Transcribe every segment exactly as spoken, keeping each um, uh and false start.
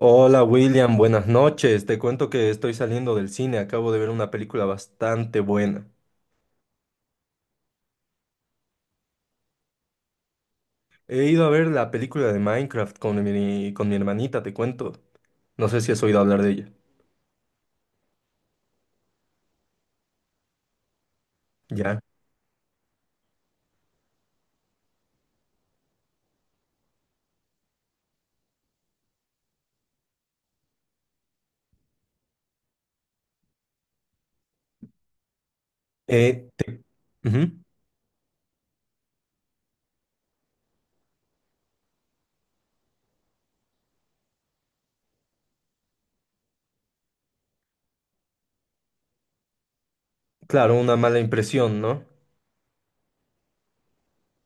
Hola William, buenas noches. Te cuento que estoy saliendo del cine, acabo de ver una película bastante buena. He ido a ver la película de Minecraft con mi, con mi hermanita, te cuento. No sé si has oído hablar de ella. Ya. Eh, te- Ujú. Claro, una mala impresión, ¿no?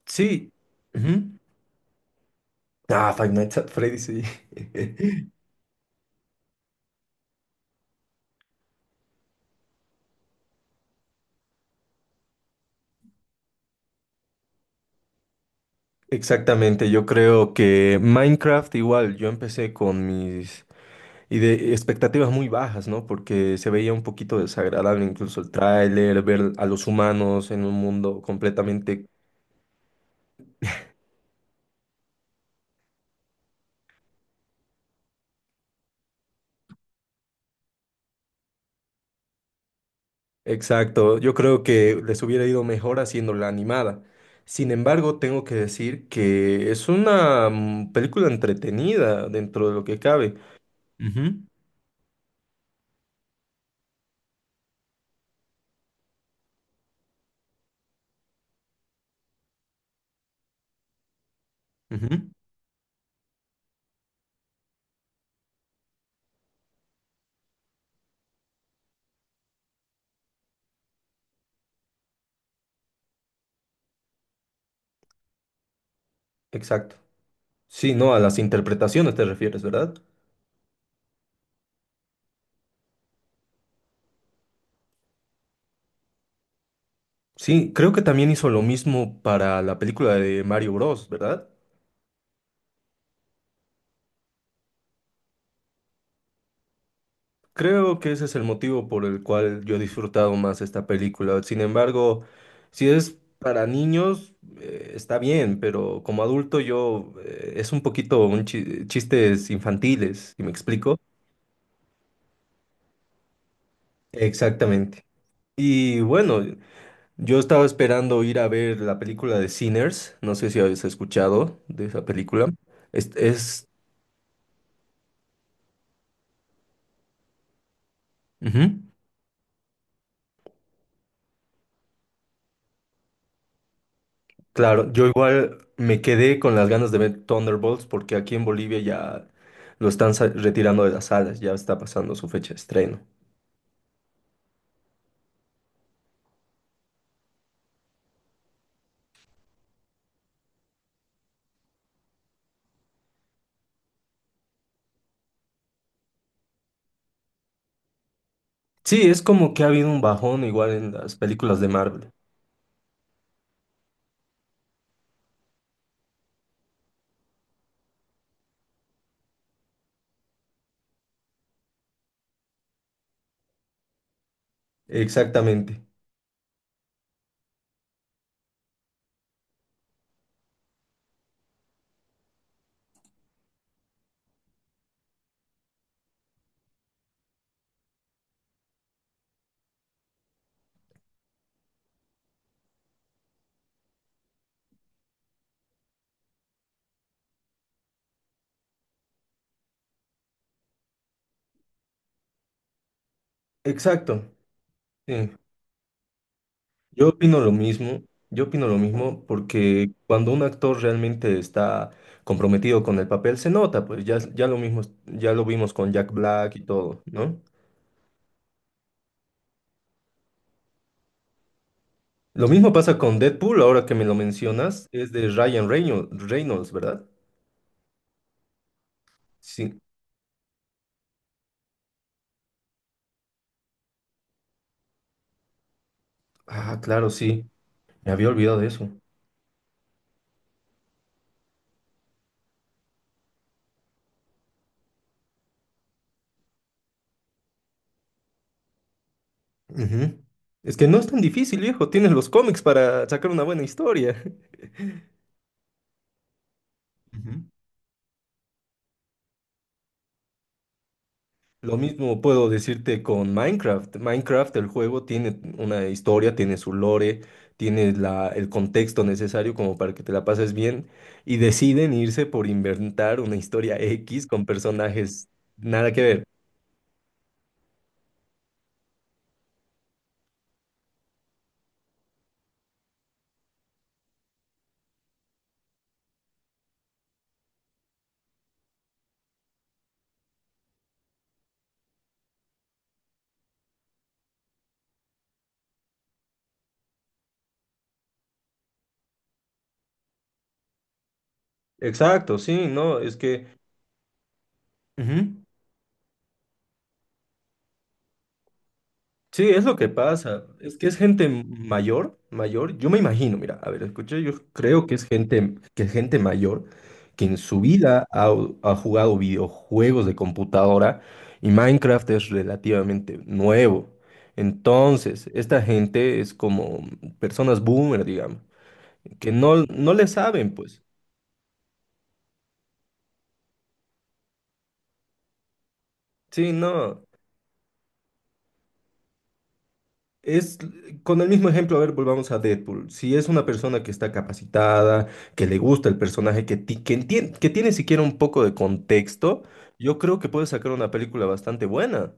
Sí. Ujú. Ah, Five Nights at Freddy's, sí. Exactamente, yo creo que Minecraft igual, yo empecé con mis. Y de expectativas muy bajas, ¿no? Porque se veía un poquito desagradable incluso el tráiler, ver a los humanos en un mundo completamente exacto. Yo creo que les hubiera ido mejor haciendo la animada. Sin embargo, tengo que decir que es una mm, película entretenida dentro de lo que cabe. Ujú, ujú. Exacto. Sí, no, a las interpretaciones te refieres, ¿verdad? Sí, creo que también hizo lo mismo para la película de Mario Bros, ¿verdad? Creo que ese es el motivo por el cual yo he disfrutado más esta película. Sin embargo, si es para niños, eh, está bien, pero como adulto yo eh, es un poquito un chi- chistes infantiles, si me explico. Exactamente. Y bueno, yo estaba esperando ir a ver la película de Sinners. No sé si habéis escuchado de esa película. Es, es... Ujú. Claro, yo igual me quedé con las ganas de ver Thunderbolts porque aquí en Bolivia ya lo están sa- retirando de las salas, ya está pasando su fecha de estreno. Sí, es como que ha habido un bajón igual en las películas de Marvel. Exactamente. Exacto. Sí. Yo opino lo mismo. Yo opino lo mismo porque cuando un actor realmente está comprometido con el papel, se nota, pues ya, ya lo mismo, ya lo vimos con Jack Black y todo, ¿no? Lo mismo pasa con Deadpool, ahora que me lo mencionas, es de Ryan Reynolds, Reynolds, ¿verdad? Sí. Ah, claro, sí. Me había olvidado de eso. Ujú. Es que no es tan difícil, viejo. Tienes los cómics para sacar una buena historia. Ujú. Lo mismo puedo decirte con Minecraft. Minecraft, el juego, tiene una historia, tiene su lore, tiene la, el contexto necesario como para que te la pases bien y deciden irse por inventar una historia X con personajes nada que ver. Exacto, sí, no, es que. Ujú. Sí, es lo que pasa, es que es gente mayor, mayor, yo me imagino, mira, a ver, escuché, yo creo que es gente, que es gente mayor que en su vida ha, ha jugado videojuegos de computadora y Minecraft es relativamente nuevo. Entonces, esta gente es como personas boomer, digamos, que no, no le saben, pues, sí, no. Es con el mismo ejemplo, a ver, volvamos a Deadpool. Si es una persona que está capacitada, que le gusta el personaje, que, ti- que, entien- que tiene siquiera un poco de contexto, yo creo que puede sacar una película bastante buena.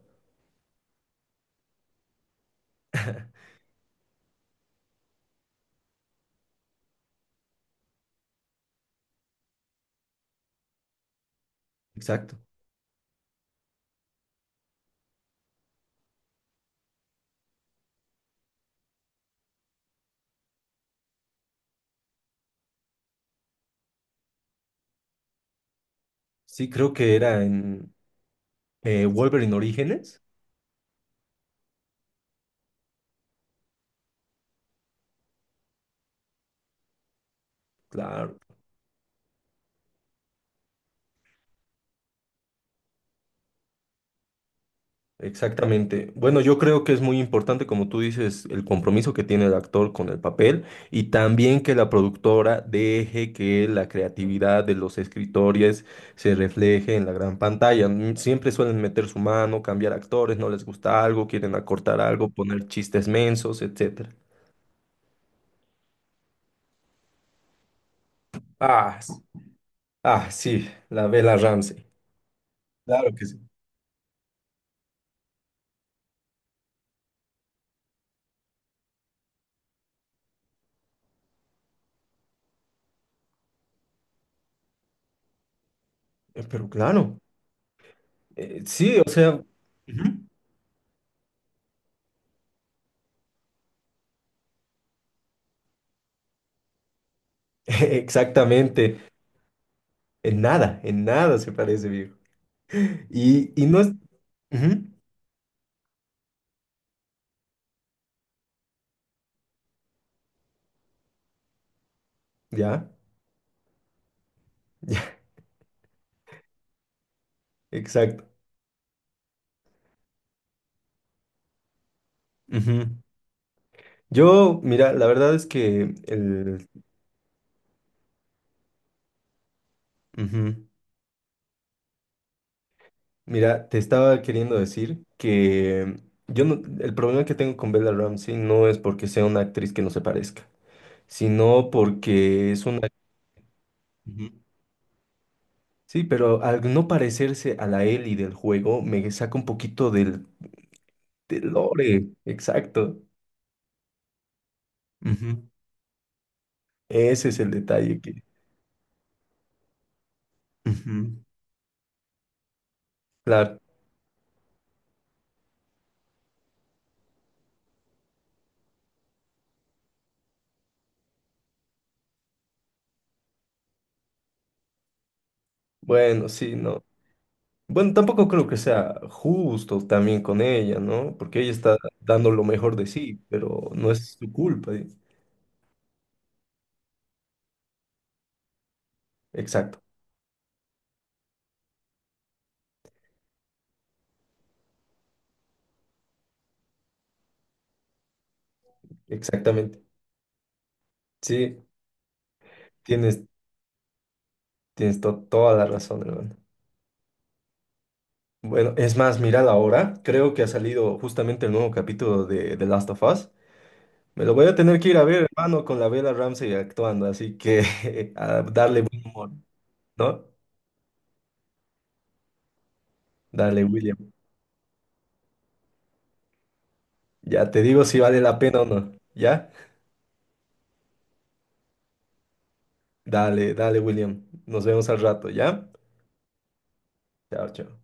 Exacto. Sí, creo que era en eh, Wolverine Orígenes. Claro. Exactamente. Bueno, yo creo que es muy importante, como tú dices, el compromiso que tiene el actor con el papel y también que la productora deje que la creatividad de los escritores se refleje en la gran pantalla. Mm, Siempre suelen meter su mano, cambiar actores, no les gusta algo, quieren acortar algo, poner chistes mensos, etcétera. Ah, s- ah, sí, la Bella Ramsey. Claro que sí. Eh, Pero claro, eh, sí, o sea, Ujú. exactamente, en nada, en nada se parece, viejo. Y, y no es... Ujú, ya, ya, exacto. Ujú. Yo, mira, la verdad es que el... ujú, Mira, te estaba queriendo decir que yo no- el problema que tengo con Bella Ramsey no es porque sea una actriz que no se parezca, sino porque es una... Ujú. Sí, pero al no parecerse a la Ellie del juego, me saca un poquito del, del lore. Exacto. Ujú. Ese es el detalle que... Ujú. Claro. Bueno, sí, no. Bueno, tampoco creo que sea justo también con ella, ¿no? Porque ella está dando lo mejor de sí, pero no es su culpa. ¿Eh? Exacto, exactamente. Sí, tienes, tienes to- toda la razón, hermano. Bueno, es más, mirad ahora, creo que ha salido justamente el nuevo capítulo de The Last of Us. Me lo voy a tener que ir a ver, hermano, con la Bella Ramsey actuando, así que a darle buen humor, ¿no? Dale, William. Ya te digo si vale la pena o no, ¿ya? Dale, dale, William. Nos vemos al rato, ¿ya? Chao, chao.